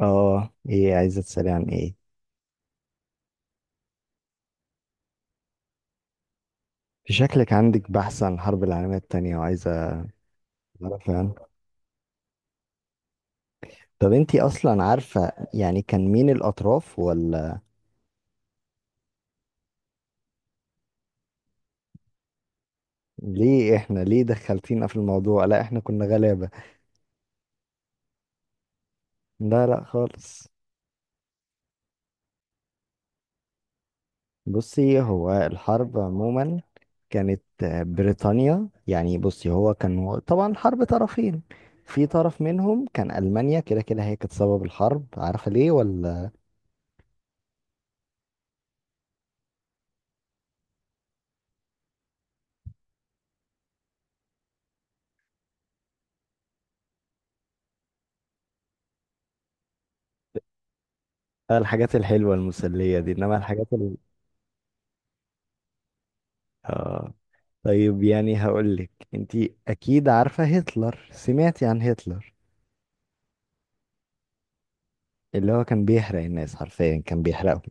اه، ايه عايزة تسألي عن ايه؟ في شكلك عندك بحث عن الحرب العالمية التانية وعايزة تعرفي عنه. طب انتي اصلا عارفة يعني كان مين الاطراف ولا؟ ليه احنا ليه دخلتينا في الموضوع؟ لا، احنا كنا غلابة. لا لا خالص. بصي، هو الحرب عموما كانت بريطانيا، يعني بصي هو كان طبعا حرب طرفين. في طرف منهم كان ألمانيا، كده كده هي كانت سبب الحرب. عارفة ليه ولا؟ الحاجات الحلوة المسلية دي، انما الحاجات... آه. طيب، يعني هقول لك انت. اكيد عارفة هتلر، سمعتي عن هتلر؟ اللي هو كان بيحرق الناس، حرفيا كان بيحرقهم.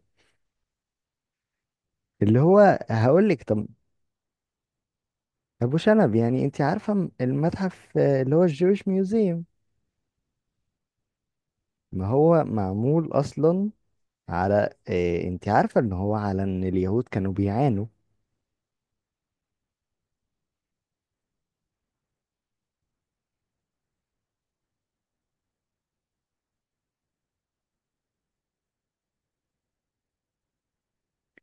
اللي هو هقول لك طب، ابو شنب. يعني انت عارفة المتحف، اللي هو الجويش ميوزيوم؟ ما هو معمول اصلا على إيه؟ انت عارفة ان هو على ان اليهود كانوا بيعانوا؟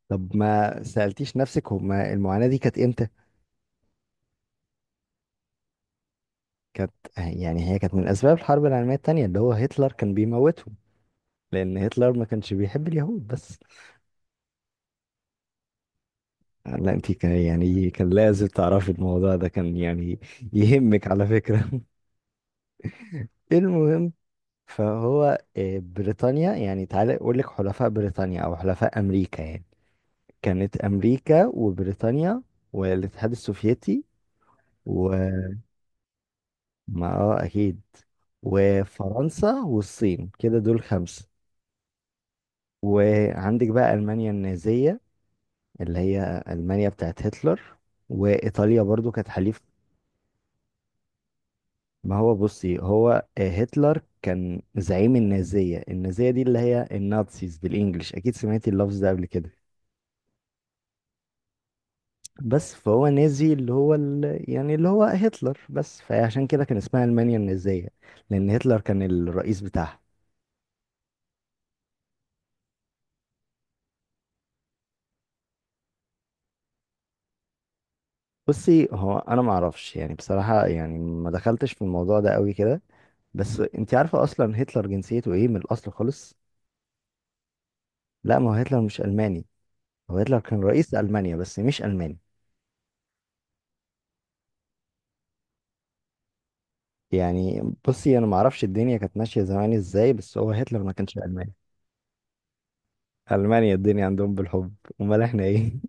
طب ما سألتيش نفسك هما المعاناة دي كانت امتى؟ كانت يعني، هي كانت من اسباب الحرب العالمية التانية، اللي هو هتلر كان بيموتهم. لان هتلر ما كانش بيحب اليهود بس. لا انت كان يعني، كان لازم تعرفي الموضوع ده، كان يعني يهمك على فكرة. المهم، فهو بريطانيا يعني. تعالى اقول لك حلفاء بريطانيا او حلفاء امريكا يعني. كانت امريكا وبريطانيا والاتحاد السوفيتي وما اه اكيد. وفرنسا والصين، كده دول خمسة. وعندك بقى المانيا النازية، اللي هي المانيا بتاعت هتلر. وايطاليا برضو كانت حليف. ما هو بصي هو، هتلر كان زعيم النازية. النازية دي اللي هي النازيز بالإنجلش، أكيد سمعتي اللفظ ده قبل كده. بس فهو نازي، اللي هو يعني اللي هو هتلر بس، فعشان كده كان اسمها ألمانيا النازية، لأن هتلر كان الرئيس بتاعها. بصي، هو أنا معرفش يعني بصراحة، يعني ما دخلتش في الموضوع ده قوي كده. بس انت عارفة اصلا هتلر جنسيته ايه من الاصل خالص؟ لا، ما هو هتلر مش الماني. هو هتلر كان رئيس المانيا بس مش الماني. يعني بصي، انا ما اعرفش الدنيا كانت ماشيه زمان ازاي، بس هو هتلر ما كانش الماني. المانيا الدنيا عندهم بالحب. امال احنا ايه؟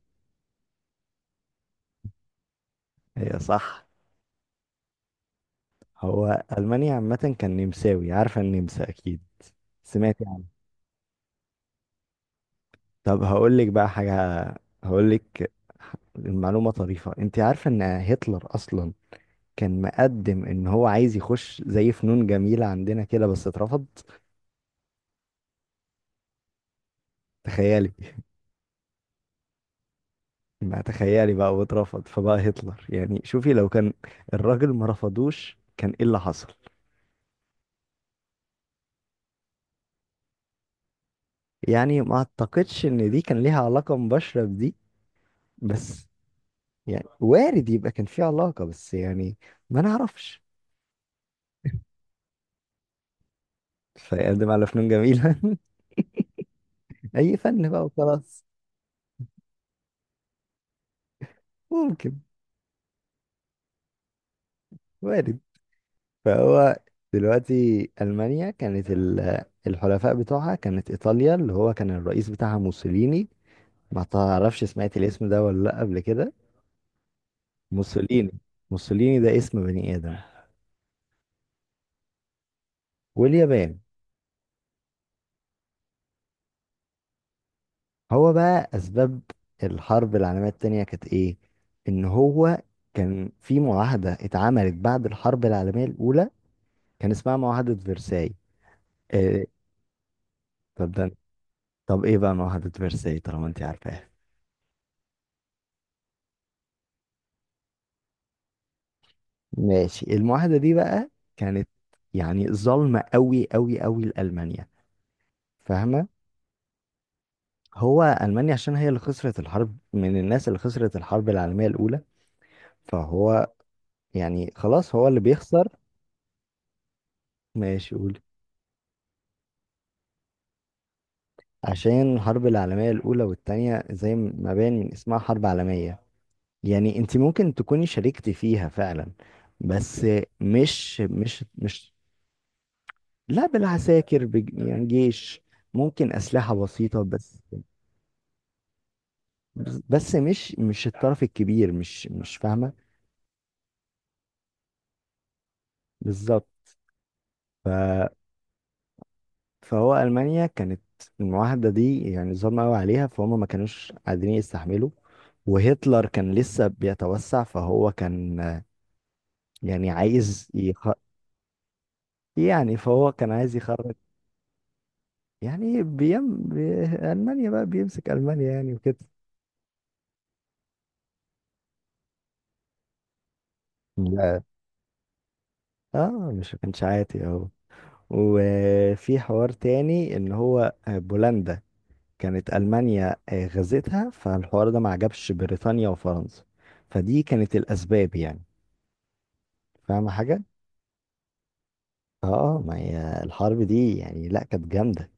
هي صح. هو المانيا عامه كان نمساوي، عارفه النمسا اكيد؟ سمعتي عنه؟ طب هقول لك بقى حاجه. هقول لك المعلومه طريفه. انت عارفه ان هتلر اصلا كان مقدم ان هو عايز يخش زي فنون جميله عندنا كده، بس اترفض؟ تخيلي! ما تخيلي بقى، واترفض فبقى هتلر. يعني شوفي لو كان الراجل ما رفضوش، كان ايه اللي حصل. يعني ما اعتقدش ان دي كان ليها علاقة مباشرة بدي، بس يعني وارد يبقى كان في علاقة، بس يعني ما نعرفش. فيقدم على فنون جميلة. اي فن بقى وخلاص. ممكن. وارد. فهو دلوقتي ألمانيا كانت الحلفاء بتوعها كانت إيطاليا، اللي هو كان الرئيس بتاعها موسوليني. ما تعرفش، سمعت الاسم ده ولا لأ قبل كده؟ موسوليني. موسوليني ده اسم بني آدم. واليابان. هو بقى أسباب الحرب العالمية التانية كانت إيه؟ إن هو كان في معاهدة اتعملت بعد الحرب العالمية الأولى، كان اسمها معاهدة فرساي. إيه؟ طب ده، طب إيه بقى معاهدة فرساي طالما أنت عارفاها؟ ماشي، المعاهدة دي بقى كانت يعني ظالمة أوي أوي أوي لألمانيا، فاهمة؟ هو ألمانيا عشان هي اللي خسرت الحرب، من الناس اللي خسرت الحرب العالمية الأولى، فهو يعني خلاص هو اللي بيخسر. ماشي قول. عشان الحرب العالمية الأولى والتانية زي ما باين من اسمها حرب عالمية، يعني انت ممكن تكوني شاركتي فيها فعلا. بس مش لا، بالعساكر يعني جيش، ممكن أسلحة بسيطة بس. بس مش الطرف الكبير، مش فاهمة. بالظبط. فهو ألمانيا كانت المعاهدة دي يعني ظلمة قوي عليها، فهم ما كانوش قادرين يستحملوا. وهتلر كان لسه بيتوسع، فهو كان يعني عايز يعني فهو كان عايز يخرج، يعني ألمانيا بقى، بيمسك ألمانيا يعني وكده. لا، اه مش كانش عاتي اهو. وفي حوار تاني ان هو بولندا كانت ألمانيا غزتها، فالحوار ده ما عجبش بريطانيا وفرنسا. فدي كانت الأسباب يعني، فاهمة حاجة؟ اه ما هي الحرب دي يعني، لا كانت جامدة.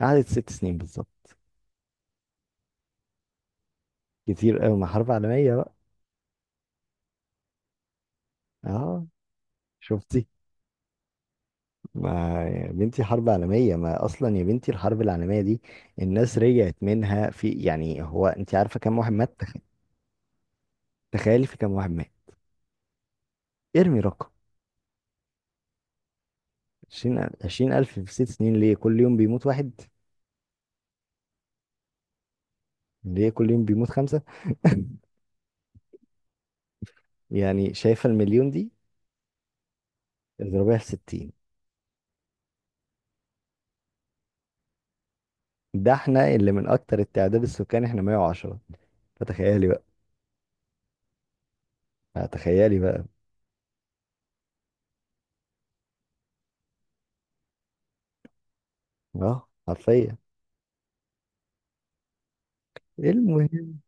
قعدت 6 سنين بالظبط. كتير قوي، ما حرب عالمية بقى. اه. شفتي؟ ما يا بنتي حرب عالمية، ما اصلا يا بنتي الحرب العالمية دي الناس رجعت منها في يعني، هو انت عارفة كم واحد مات؟ تخيلي في كم واحد مات. ارمي رقم. عشرين ألف في 6 سنين؟ ليه كل يوم بيموت واحد؟ ليه كل يوم بيموت خمسة؟ يعني شايفة المليون دي، اضربيها في 60. ده احنا اللي من أكتر التعداد السكاني احنا 110. فتخيلي. تخيلي بقى. اه حرفيا. المهم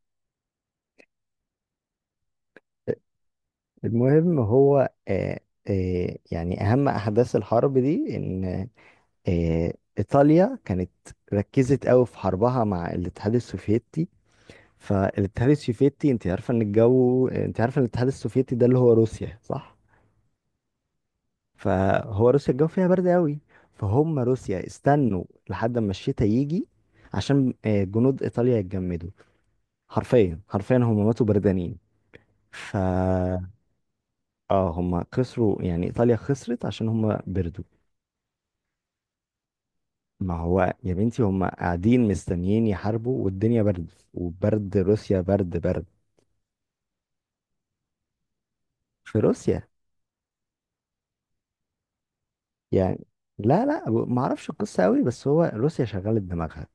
المهم هو يعني اهم احداث الحرب دي ان ايطاليا كانت ركزت قوي في حربها مع الاتحاد السوفيتي. فالاتحاد السوفيتي، انت عارفه ان الجو، انت عارفه ان الاتحاد السوفيتي ده اللي هو روسيا صح؟ فهو روسيا الجو فيها برد قوي. فهم روسيا استنوا لحد ما الشتاء يجي، عشان جنود ايطاليا يتجمدوا. حرفيا حرفيا هم ماتوا بردانين. ف اه هم خسروا، يعني ايطاليا خسرت عشان هم بردوا. ما هو يا بنتي، هم قاعدين مستنيين يحاربوا، والدنيا برد، وبرد روسيا برد برد. في روسيا يعني. لا لا ما اعرفش القصة قوي، بس هو روسيا شغلت دماغها.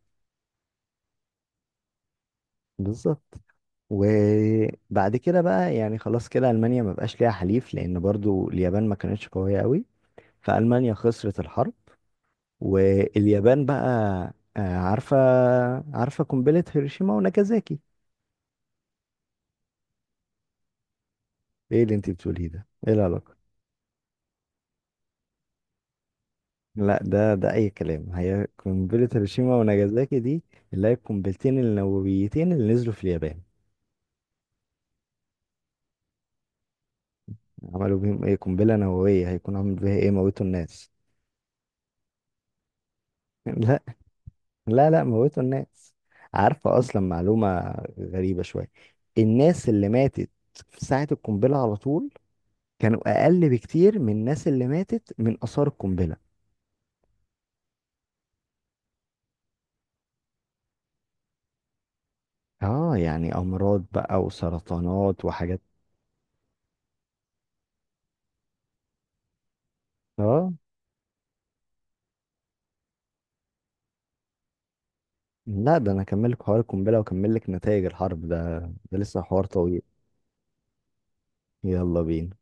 بالظبط. وبعد كده بقى يعني خلاص كده المانيا ما بقاش ليها حليف، لان برضو اليابان ما كانتش قوية قوي، فالمانيا خسرت الحرب. واليابان بقى آه، عارفة عارفة قنبلة هيروشيما وناجازاكي. ايه اللي انت بتقوليه ده؟ ايه العلاقة؟ لا، ده اي كلام، هي قنبلة هيروشيما وناجازاكي دي اللي هي القنبلتين النوويتين اللي نزلوا في اليابان. عملوا بيهم ايه؟ قنبلة نووية هيكون عامل بيها ايه؟ موتوا الناس. لا لا لا موتوا الناس. عارفة اصلا معلومة غريبة شوية؟ الناس اللي ماتت في ساعة القنبلة على طول كانوا اقل بكتير من الناس اللي ماتت من اثار القنبلة. اه، يعني امراض بقى وسرطانات وحاجات. اه لا، ده انا اكمل لك حوار القنبله واكمل لك نتائج الحرب ده، ده لسه حوار طويل. يلا بينا.